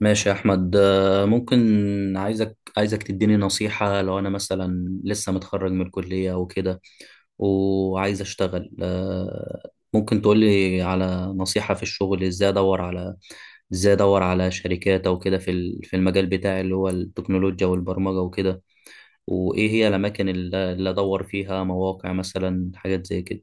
ماشي يا احمد ممكن. عايزك تديني نصيحة لو انا مثلا لسه متخرج من الكلية وكده وعايز اشتغل. ممكن تقولي على نصيحة في الشغل ازاي ادور على شركات او كده في المجال بتاعي اللي هو التكنولوجيا والبرمجة وكده، وايه هي الاماكن اللي ادور فيها، مواقع مثلا، حاجات زي كده.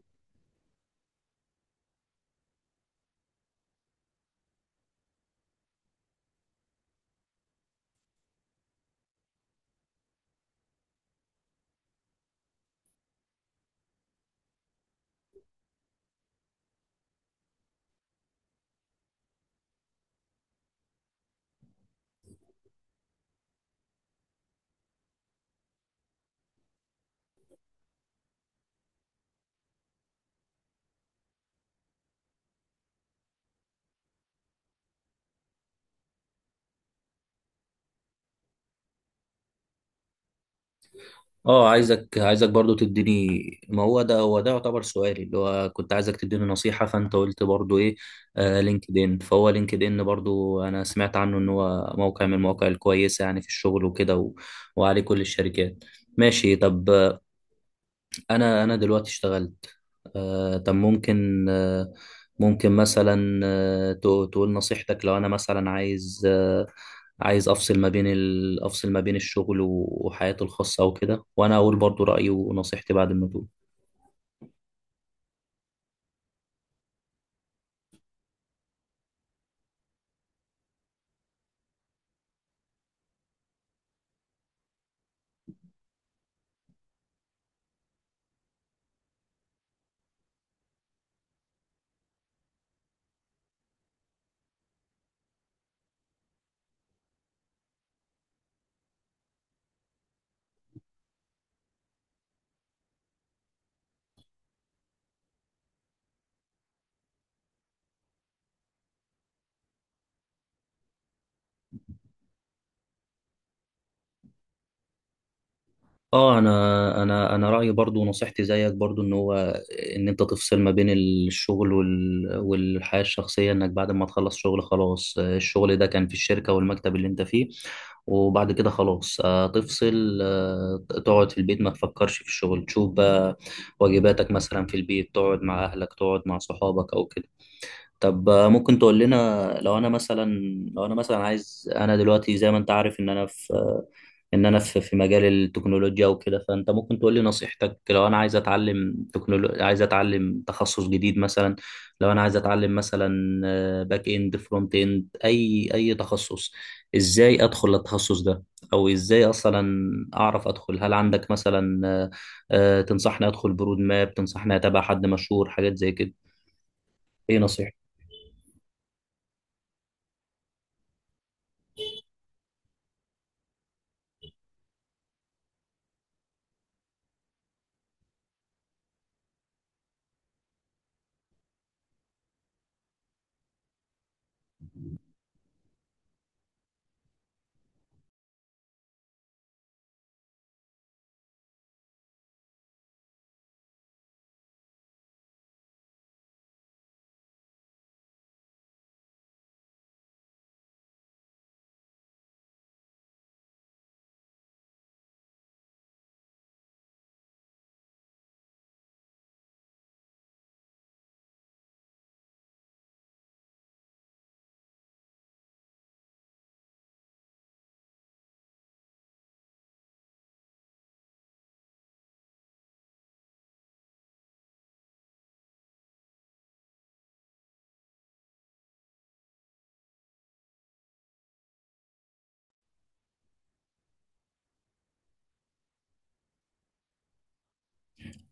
اه عايزك برضو تديني. ما هو ده يعتبر سؤالي اللي هو كنت عايزك تديني نصيحة، فانت قلت برضو ايه، آه لينكد ان. فهو لينكد ان برضو انا سمعت عنه ان هو موقع من المواقع الكويسة يعني في الشغل وكده وعليه كل الشركات. ماشي طب. انا دلوقتي اشتغلت. طب ممكن ممكن مثلا، تقول نصيحتك لو انا مثلا عايز، عايز افصل ما بين افصل ما بين الشغل وحياتي الخاصة او كده، وانا اقول برضو رأيي ونصيحتي بعد ما تقول. اه انا رايي برضو، نصيحتي زيك برضو، ان هو ان انت تفصل ما بين الشغل والحياه الشخصيه، انك بعد ما تخلص شغل خلاص. الشغل ده كان في الشركه والمكتب اللي انت فيه، وبعد كده خلاص تفصل تقعد في البيت، ما تفكرش في الشغل، تشوف بقى واجباتك مثلا في البيت، تقعد مع اهلك، تقعد مع صحابك او كده. طب ممكن تقول لنا لو انا مثلا، لو انا مثلا عايز انا دلوقتي زي ما انت عارف ان انا في ان انا في مجال التكنولوجيا وكده، فانت ممكن تقول لي نصيحتك لو انا عايز اتعلم عايز اتعلم تخصص جديد مثلا. لو انا عايز اتعلم مثلا، باك اند، فرونت اند، اي تخصص، ازاي ادخل التخصص ده؟ او ازاي اصلا اعرف ادخل؟ هل عندك مثلا تنصحني ادخل برود ماب؟ تنصحني اتابع حد مشهور؟ حاجات زي كده. ايه نصيحتك؟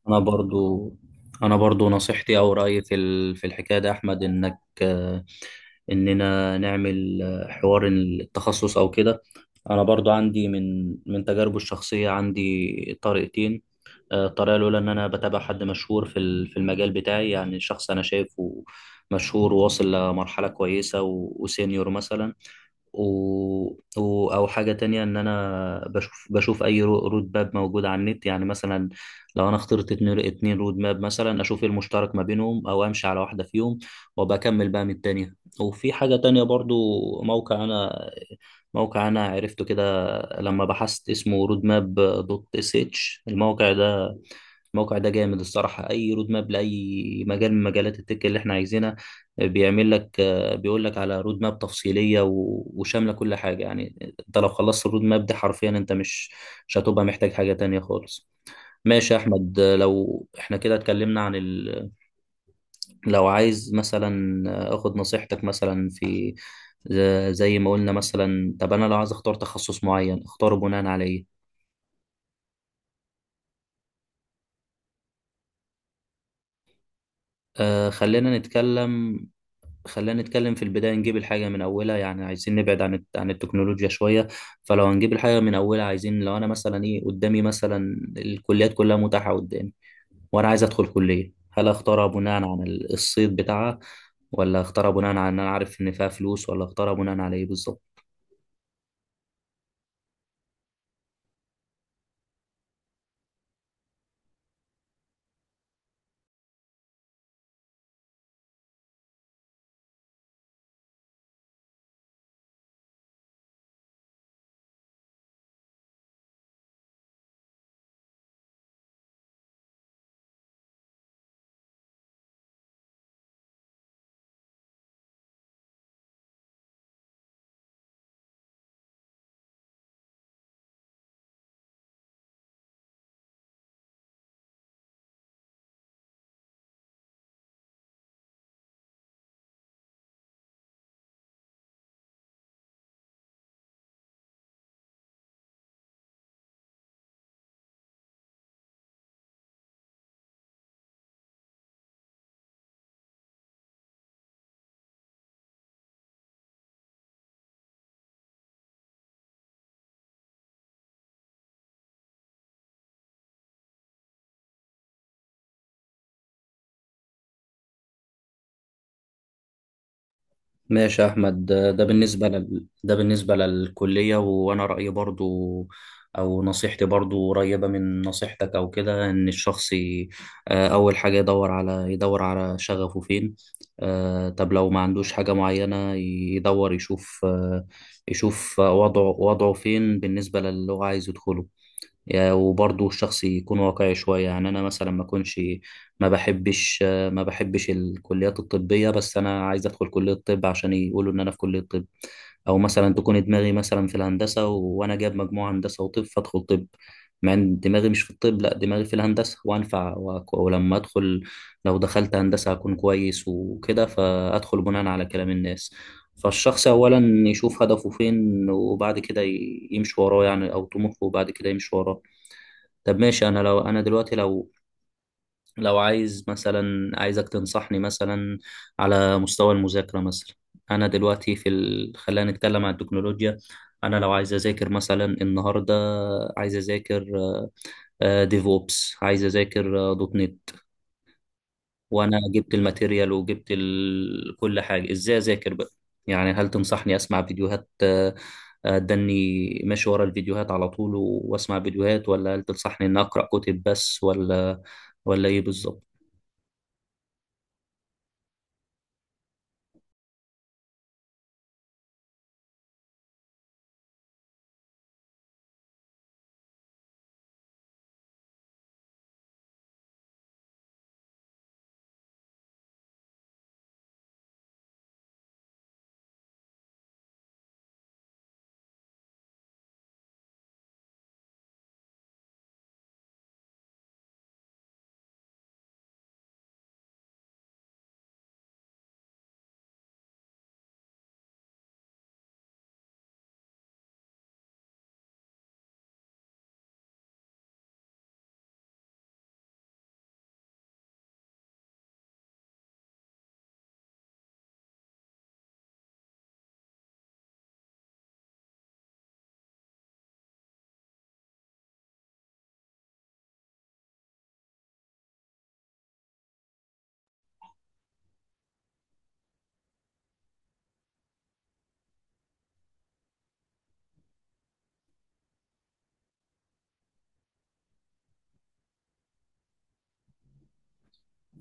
انا برضو انا برضو نصيحتي او رايي في الحكايه ده يا احمد، انك اننا نعمل حوار التخصص او كده. انا برضو عندي من تجاربي الشخصيه عندي طريقتين. الطريقة الأولى إن أنا بتابع حد مشهور في المجال بتاعي، يعني شخص أنا شايفه مشهور وواصل لمرحلة كويسة وسينيور مثلا و... أو حاجة تانية إن أنا بشوف أي رود ماب موجود على النت، يعني مثلا لو أنا اخترت اتنين رود ماب مثلا، أشوف إيه المشترك ما بينهم، أو أمشي على واحدة فيهم وبكمل بقى من التانية. وفي حاجة تانية برضو، موقع أنا موقع أنا عرفته كده لما بحثت، اسمه رود ماب دوت اس اتش. الموقع ده، الموقع ده جامد الصراحة. أي رود ماب لأي مجال من مجالات التك اللي إحنا عايزينها بيعمل لك، بيقول لك على رود ماب تفصيلية وشاملة كل حاجة. يعني أنت لو خلصت الرود ماب دي حرفيا أنت مش هتبقى محتاج حاجة تانية خالص. ماشي يا أحمد، لو إحنا كده اتكلمنا عن لو عايز مثلا آخد نصيحتك مثلا في، زي ما قلنا مثلا، طب أنا لو عايز أختار تخصص معين، أختاره بناء على إيه؟ آه خلينا نتكلم في البداية، نجيب الحاجة من أولها، يعني عايزين نبعد عن عن التكنولوجيا شوية. فلو هنجيب الحاجة من أولها، عايزين لو أنا مثلا إيه قدامي، مثلا الكليات كلها متاحة قدامي وأنا عايز أدخل كلية، هل أختارها بناء عن الصيت بتاعها، ولا أختارها بناء على إن أنا عارف إن فيها فلوس، ولا أختارها بناء على إيه بالظبط؟ ماشي يا أحمد، ده بالنسبة ده بالنسبة للكلية. وأنا رأيي برضو أو نصيحتي برضو قريبة من نصيحتك أو كده، إن الشخص أول حاجة يدور على شغفه فين. طب لو ما عندوش حاجة معينة، يدور يشوف يشوف وضعه فين بالنسبة للي هو عايز يدخله. وبرضه الشخص يكون واقعي شوية، يعني أنا مثلا ما أكونش، ما بحبش ما بحبش الكليات الطبية بس أنا عايز أدخل كلية طب عشان يقولوا إن أنا في كلية طب، أو مثلا تكون دماغي مثلا في الهندسة وأنا جايب مجموعة هندسة وطب فأدخل طب مع إن دماغي مش في الطب، لا دماغي في الهندسة وأنفع ولما أدخل، لو دخلت هندسة هكون كويس وكده، فأدخل بناء على كلام الناس. فالشخص أولا يشوف هدفه فين وبعد كده يمشي وراه، يعني أو طموحه وبعد كده يمشي وراه. طب ماشي، انا لو انا دلوقتي، لو لو عايز مثلا عايزك تنصحني مثلا على مستوى المذاكره مثلا. انا دلوقتي في خلينا نتكلم عن التكنولوجيا. انا لو عايز اذاكر مثلا النهارده، عايز اذاكر ديفوبس، عايز اذاكر دوت نت، وانا جبت الماتيريال وجبت كل حاجه، ازاي اذاكر بقى؟ يعني هل تنصحني اسمع فيديوهات اداني ماشي ورا الفيديوهات على طول واسمع فيديوهات، ولا هل تنصحني ان اقرا كتب بس، ولا ايه بالظبط؟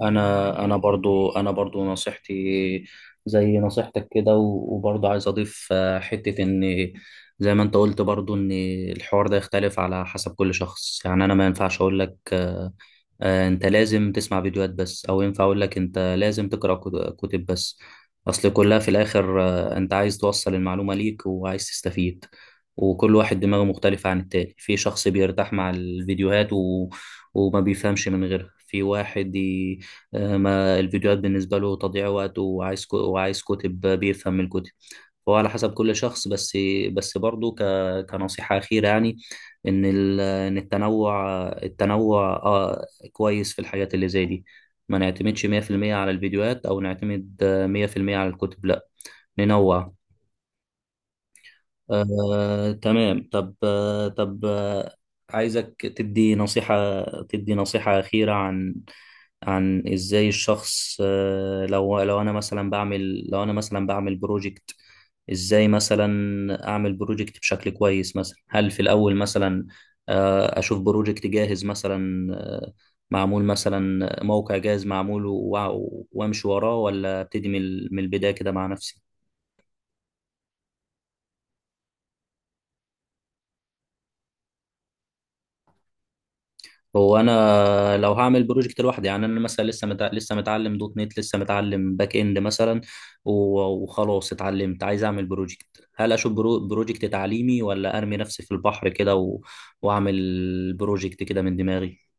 انا برضو نصيحتي زي نصيحتك كده وبرضو عايز اضيف حتة ان زي ما انت قلت برضو ان الحوار ده يختلف على حسب كل شخص. يعني انا ما ينفعش اقول لك انت لازم تسمع فيديوهات بس، او ينفع اقول لك انت لازم تقرأ كتب بس. اصل كلها في الاخر انت عايز توصل المعلومة ليك وعايز تستفيد، وكل واحد دماغه مختلفة عن التاني. في شخص بيرتاح مع الفيديوهات وما بيفهمش من غيرها، في واحد ما الفيديوهات بالنسبة له تضييع وقت وعايز وعايز كتب، بيفهم من الكتب. فهو على حسب كل شخص. بس بس برضه ك... كنصيحة أخيرة يعني، إن إن التنوع، آه، كويس في الحاجات اللي زي دي. ما نعتمدش 100% على الفيديوهات، أو نعتمد 100% على الكتب، لا ننوع. تمام. طب عايزك تدي نصيحة، تدي نصيحة أخيرة عن، عن إزاي الشخص، لو أنا مثلا بعمل، لو أنا مثلا بعمل بروجكت، إزاي مثلا أعمل بروجكت بشكل كويس؟ مثلا هل في الأول مثلا أشوف بروجكت جاهز مثلا، معمول مثلا موقع جاهز معمول وأمشي وراه، ولا أبتدي من من البداية كده مع نفسي؟ هو انا لو هعمل بروجكت لوحدي، يعني انا مثلا لسه متعلم دوت نت، لسه متعلم باك اند مثلا و... وخلاص اتعلمت عايز اعمل بروجكت، هل اشوف بروجكت تعليمي، ولا ارمي نفسي في البحر كده واعمل بروجكت كده من دماغي؟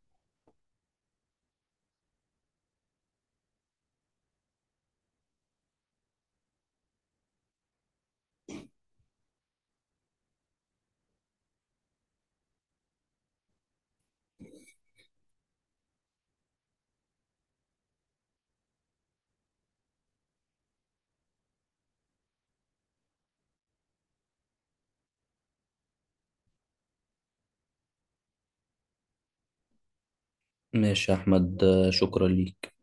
ماشي يا احمد، شكرا ليك.